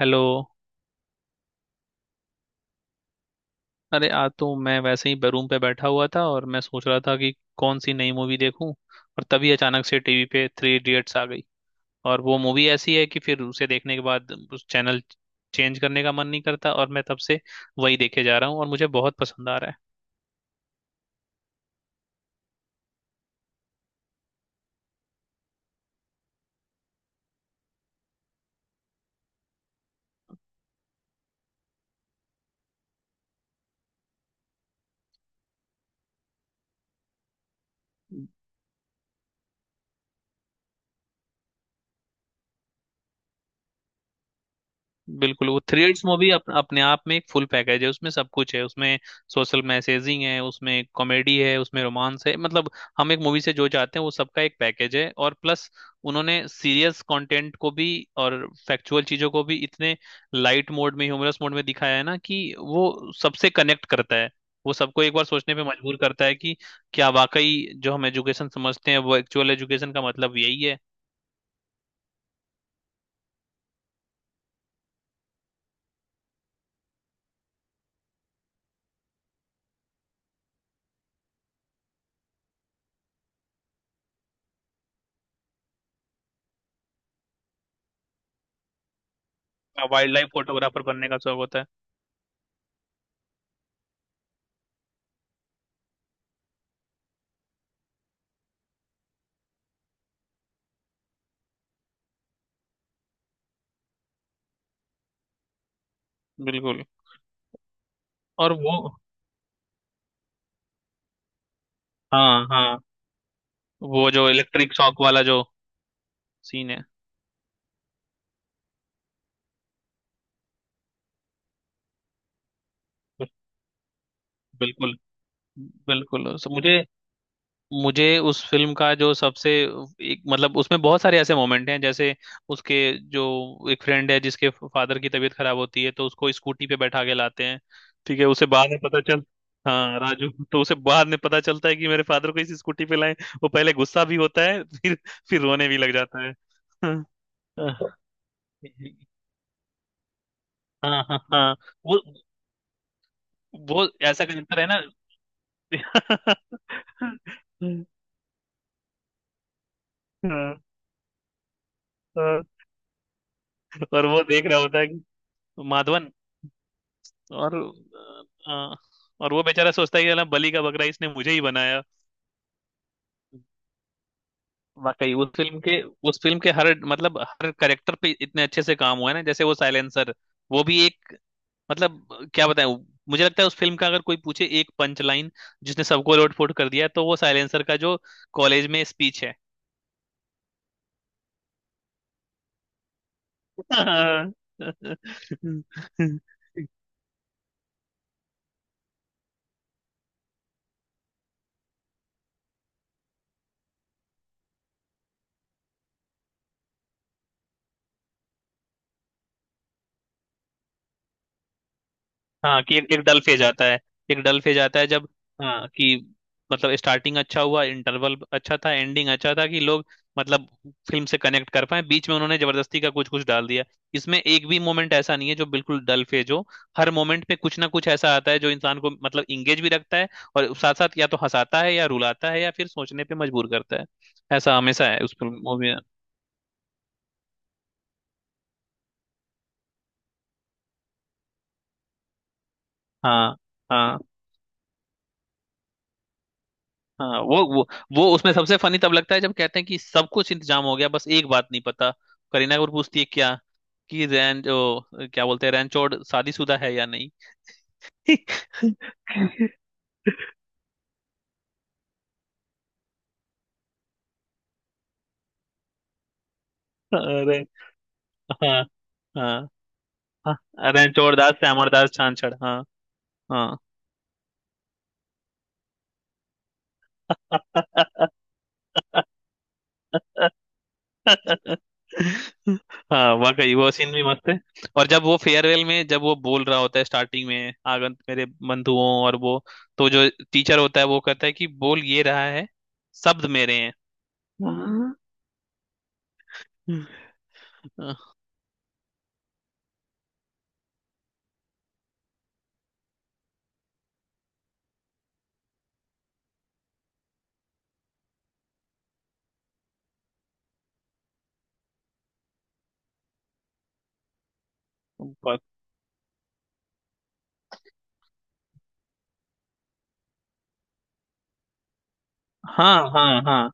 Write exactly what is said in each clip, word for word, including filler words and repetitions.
Hello. अरे, आज तो मैं वैसे ही ब- रूम पे बैठा हुआ था, और मैं सोच रहा था कि कौन सी नई मूवी देखूं। और तभी अचानक से टीवी पे थ्री इडियट्स आ गई। और वो मूवी ऐसी है कि फिर उसे देखने के बाद उस चैनल चेंज करने का मन नहीं करता। और मैं तब से वही देखे जा रहा हूँ, और मुझे बहुत पसंद आ रहा है। बिल्कुल, वो थ्री इडियट्स मूवी अप, अपने आप में एक फुल पैकेज है। उसमें सब कुछ है, उसमें सोशल मैसेजिंग है, उसमें कॉमेडी है, उसमें रोमांस है। मतलब, हम एक मूवी से जो चाहते हैं वो सबका एक पैकेज है। और प्लस, उन्होंने सीरियस कंटेंट को भी और फैक्चुअल चीजों को भी इतने लाइट मोड में, ह्यूमरस मोड में दिखाया है ना, कि वो सबसे कनेक्ट करता है। वो सबको एक बार सोचने पे मजबूर करता है कि क्या वाकई जो हम एजुकेशन समझते हैं वो एक्चुअल एजुकेशन का मतलब यही है। वाइल्ड लाइफ फोटोग्राफर बनने का शौक होता है। बिल्कुल, और वो, हाँ हाँ, वो जो इलेक्ट्रिक शॉक वाला जो सीन है। बिल्कुल बिल्कुल। उस- मुझे मुझे उस फिल्म का जो सबसे एक, मतलब उसमें बहुत सारे ऐसे मोमेंट हैं, जैसे उसके जो एक फ्रेंड है जिसके फादर की तबीयत खराब होती है तो उसको स्कूटी पे बैठा के लाते हैं। ठीक है, उसे बाद में पता चल, हाँ राजू, तो उसे बाद में पता चलता है कि मेरे फादर को इस स्कूटी पे लाए। वो पहले गुस्सा भी होता है, फिर फिर रोने भी लग जाता है। हाँ हाँ, हाँ हाँ हाँ, वो वो ऐसा कैरेक्टर है ना। हाँ, हाँ, और वो देख रहा होता है कि माधवन। और आ, और वो बेचारा सोचता है कि साला बलि का बकरा इसने मुझे ही बनाया। वाकई उस फिल्म के उस फिल्म के हर, मतलब हर कैरेक्टर पे इतने अच्छे से काम हुआ है ना, जैसे वो साइलेंसर, वो भी एक, मतलब क्या बताएं। मुझे लगता है उस फिल्म का अगर कोई पूछे एक पंच लाइन जिसने सबको लोटपोट कर दिया, तो वो साइलेंसर का जो कॉलेज में स्पीच है। हाँ कि एक, एक डल फेज आता है एक डल फेज आता है जब, हाँ, कि मतलब स्टार्टिंग अच्छा हुआ, इंटरवल अच्छा था, एंडिंग अच्छा था, कि लोग, मतलब, फिल्म से कनेक्ट कर पाए, बीच में उन्होंने जबरदस्ती का कुछ कुछ डाल दिया। इसमें एक भी मोमेंट ऐसा नहीं है जो बिल्कुल डल फेज हो। हर मोमेंट पे कुछ ना कुछ ऐसा आता है जो इंसान को मतलब इंगेज भी रखता है, और साथ साथ या तो हंसाता है या रुलाता है या फिर सोचने पे मजबूर करता है। ऐसा हमेशा है उस फिल्म मूवी में। हाँ हाँ हाँ, वो वो वो उसमें सबसे फनी तब लगता है जब कहते हैं कि सब कुछ इंतजाम हो गया, बस एक बात नहीं पता, करीना कपूर पूछती है क्या, कि रैन ओ, क्या बोलते हैं, रैनचोड़ शादीशुदा है या नहीं। अरे हाँ हाँ हाँ, रैनचोड़ दास श्यामर दास छांछड़। हाँ हाँ। हाँ, वाकई वो सीन भी मस्त है। और जब वो फेयरवेल में जब वो बोल रहा होता है स्टार्टिंग में, आगंत मेरे बंधुओं और वो, तो जो टीचर होता है वो कहता है कि बोल ये रहा है, शब्द मेरे हैं। हाँ। अ, पर- हाँ हाँ हाँ,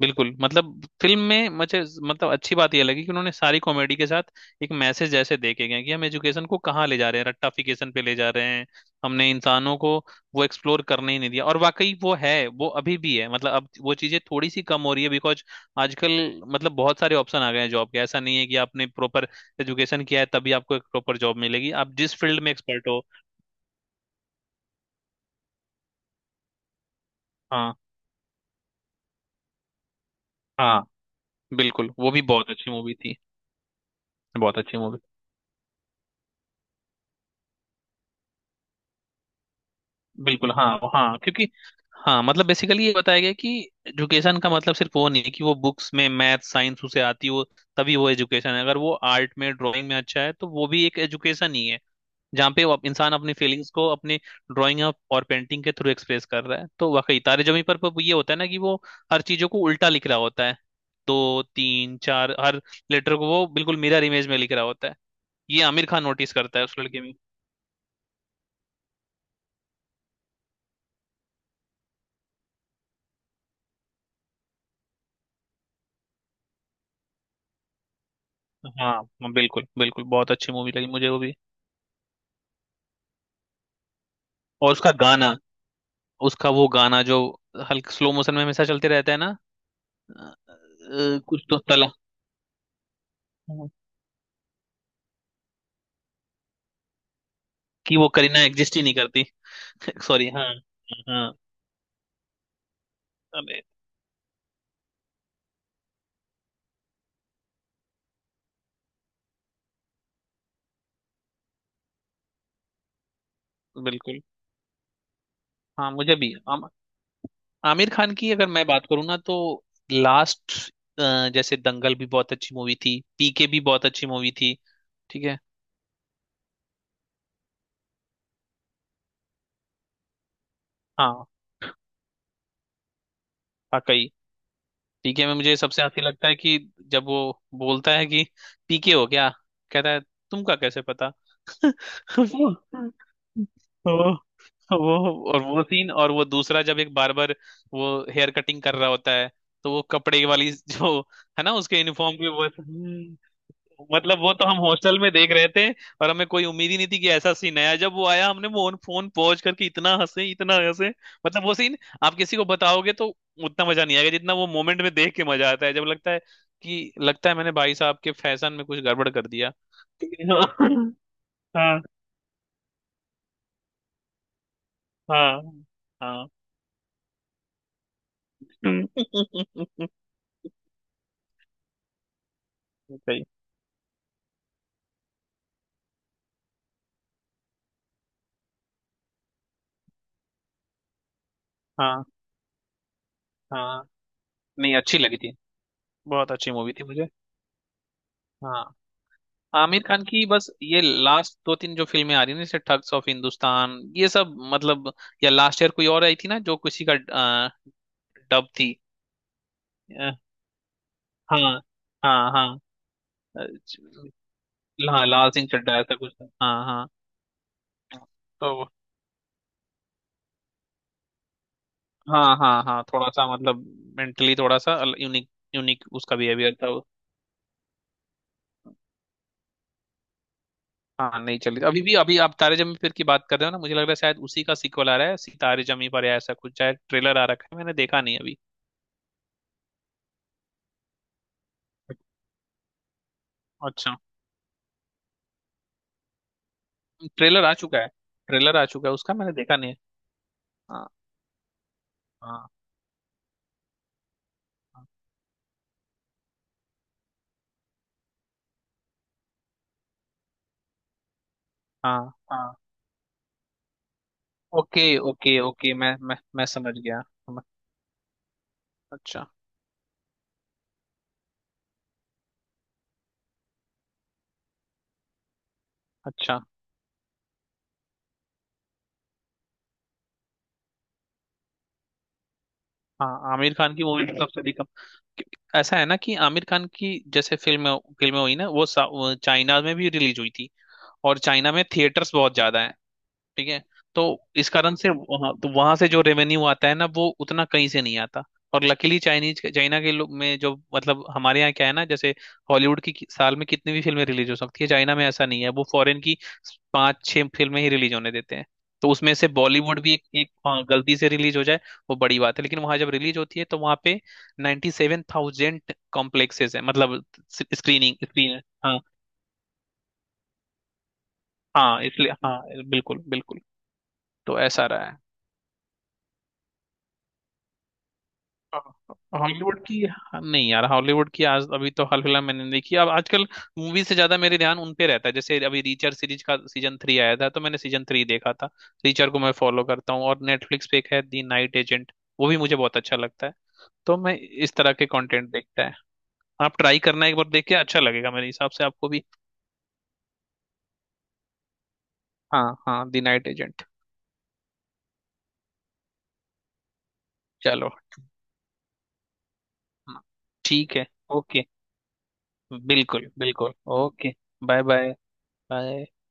बिल्कुल, मतलब फिल्म में मुझे, मतलब अच्छी बात यह लगी कि उन्होंने सारी कॉमेडी के साथ एक मैसेज जैसे देखे गए हैं कि हम एजुकेशन को कहाँ ले जा रहे हैं, रट्टाफिकेशन पे ले जा रहे हैं। हमने इंसानों को वो एक्सप्लोर करने ही नहीं दिया, और वाकई वो है, वो अभी भी है। मतलब अब वो चीजें थोड़ी सी कम हो रही है बिकॉज आजकल, मतलब, बहुत सारे ऑप्शन आ गए हैं जॉब के। ऐसा नहीं है कि आपने प्रॉपर एजुकेशन किया है तभी आपको एक प्रॉपर जॉब मिलेगी, आप जिस फील्ड में एक्सपर्ट हो। हाँ हाँ, बिल्कुल, वो भी बहुत अच्छी मूवी थी, बहुत अच्छी मूवी। बिल्कुल हाँ हाँ, क्योंकि, हाँ, मतलब बेसिकली ये बताया गया कि एजुकेशन का मतलब सिर्फ वो नहीं है कि वो बुक्स में मैथ साइंस उसे आती हो तभी वो एजुकेशन है। अगर वो आर्ट में, ड्राइंग में अच्छा है, तो वो भी एक एजुकेशन ही है, जहाँ पे वो अप- इंसान अपनी फीलिंग्स को अपने ड्राइंग और पेंटिंग के थ्रू एक्सप्रेस कर रहा है। तो वाकई तारे जमीन पर पर ये होता है ना कि वो हर चीजों को उल्टा लिख रहा होता है। दो, तीन, चार, हर लेटर को वो बिल्कुल मिरर इमेज में लिख रहा होता है। ये आमिर खान नोटिस करता है उस लड़के में। हाँ, बिल्कुल बिल्कुल, बहुत अच्छी मूवी लगी मुझे वो भी। और उसका गाना उसका वो गाना जो हल्का स्लो मोशन में हमेशा चलते रहता है ना, अ, अ, कुछ तो तला कि वो करीना एग्जिस्ट ही नहीं करती। सॉरी, हाँ हाँ, अरे बिल्कुल, हाँ मुझे भी आम, आमिर खान की अगर मैं बात करूँ ना, तो लास्ट, जैसे दंगल भी बहुत अच्छी मूवी थी, पीके भी बहुत अच्छी मूवी थी। ठीक है। हाँ, वाकई पीके में मुझे सबसे हंसी लगता है कि जब वो बोलता है कि पीके हो क्या, कहता है तुमका कैसे पता। वो वो वो- और वो सीन, और वो दूसरा जब एक बार्बर, वो हेयर कटिंग कर रहा होता है, तो वो कपड़े वाली जो है ना, उसके यूनिफॉर्म की वो, मतलब वो तो हम हॉस्टल में देख रहे थे, और हमें कोई उम्मीद ही नहीं थी कि ऐसा सीन आया। जब वो आया हमने वो फोन पहुंच करके इतना हंसे, इतना हंसे, मतलब वो सीन आप किसी को बताओगे तो उतना मजा नहीं आएगा जितना वो मोमेंट में देख के मजा आता है, जब लगता है कि लगता है मैंने भाई साहब के फैशन में कुछ गड़बड़ कर दिया। हाँ हाँ हाँ। सही। हाँ हाँ, नहीं अच्छी लगी थी, बहुत अच्छी मूवी थी मुझे। हाँ, आमिर खान की बस ये लास्ट दो तीन जो फिल्में आ रही हैं ना, जैसे ठग्स ऑफ हिंदुस्तान, ये सब, मतलब, या लास्ट ईयर कोई और आई थी ना जो किसी का डब थी। अ, हाँ हाँ हाँ, अ, च- हाँ, लाल सिंह चड्ढा ऐसा कुछ था। हाँ हाँ। तो हाँ हाँ हाँ, थोड़ा सा, मतलब मेंटली थोड़ा सा यूनिक यूनिक उसका बिहेवियर था वो। हाँ, नहीं चली अभी भी। अभी आप तारे जमीन पर की बात कर रहे हो ना, मुझे लग रहा है शायद उसी का सीक्वल आ रहा है, सितारे जमीन पर या ऐसा कुछ, शायद ट्रेलर आ रखा है, मैंने देखा नहीं अभी। अच्छा, ट्रेलर आ चुका है ट्रेलर आ चुका है उसका, मैंने देखा नहीं है। हाँ हाँ हाँ हाँ, ओके ओके ओके, मैं मैं मैं समझ गया। समझ- अच्छा। अच्छा, हाँ, आमिर खान की मूवी तो सबसे अधिक, ऐसा है ना, कि आमिर खान की जैसे फिल्म फिल्में फिल्में हुई ना, वो सा- वो चाइना में भी रिलीज हुई थी, और चाइना में थिएटर्स बहुत ज्यादा। ठीक है। तो इस कारण से वहां, तो वहां से जो रेवेन्यू आता है ना, वो उतना कहीं से नहीं आता। और लकीली चाइनीज चाइना के लोग में जो, मतलब हमारे यहाँ क्या है ना, जैसे हॉलीवुड की कि- साल में कितनी भी फिल्में रिलीज हो सकती है, चाइना में ऐसा नहीं है, वो फॉरेन की पांच छह फिल्में ही रिलीज होने देते हैं। तो उसमें से बॉलीवुड भी एक, एक, हाँ, गलती से रिलीज हो जाए वो बड़ी बात है। लेकिन वहां जब रिलीज होती है तो वहां पे सत्तानवे हज़ार कॉम्प्लेक्सेस है, मतलब स्क्रीनिंग स्क्रीन। हाँ हाँ, इसलिए हाँ, बिल्कुल बिल्कुल। तो ऐसा रहा है। हॉलीवुड की, नहीं यार, हॉलीवुड की आज अभी तो हाल फिलहाल मैंने नहीं देखी। अब आजकल मूवी से ज्यादा मेरे ध्यान उन पे रहता है, जैसे अभी रीचर सीरीज का सीजन थ्री आया था तो मैंने सीजन थ्री देखा था। रीचर को मैं फॉलो करता हूँ, और नेटफ्लिक्स पे एक है दी नाइट एजेंट, वो भी मुझे बहुत अच्छा लगता है। तो मैं इस तरह के कंटेंट देखता है। आप ट्राई करना, एक बार देख के अच्छा लगेगा मेरे हिसाब से आपको भी। हाँ हाँ, दी नाइट एजेंट। चलो। हाँ, ठीक है। ओके, बिल्कुल बिल्कुल, ओके। Bye, bye, bye.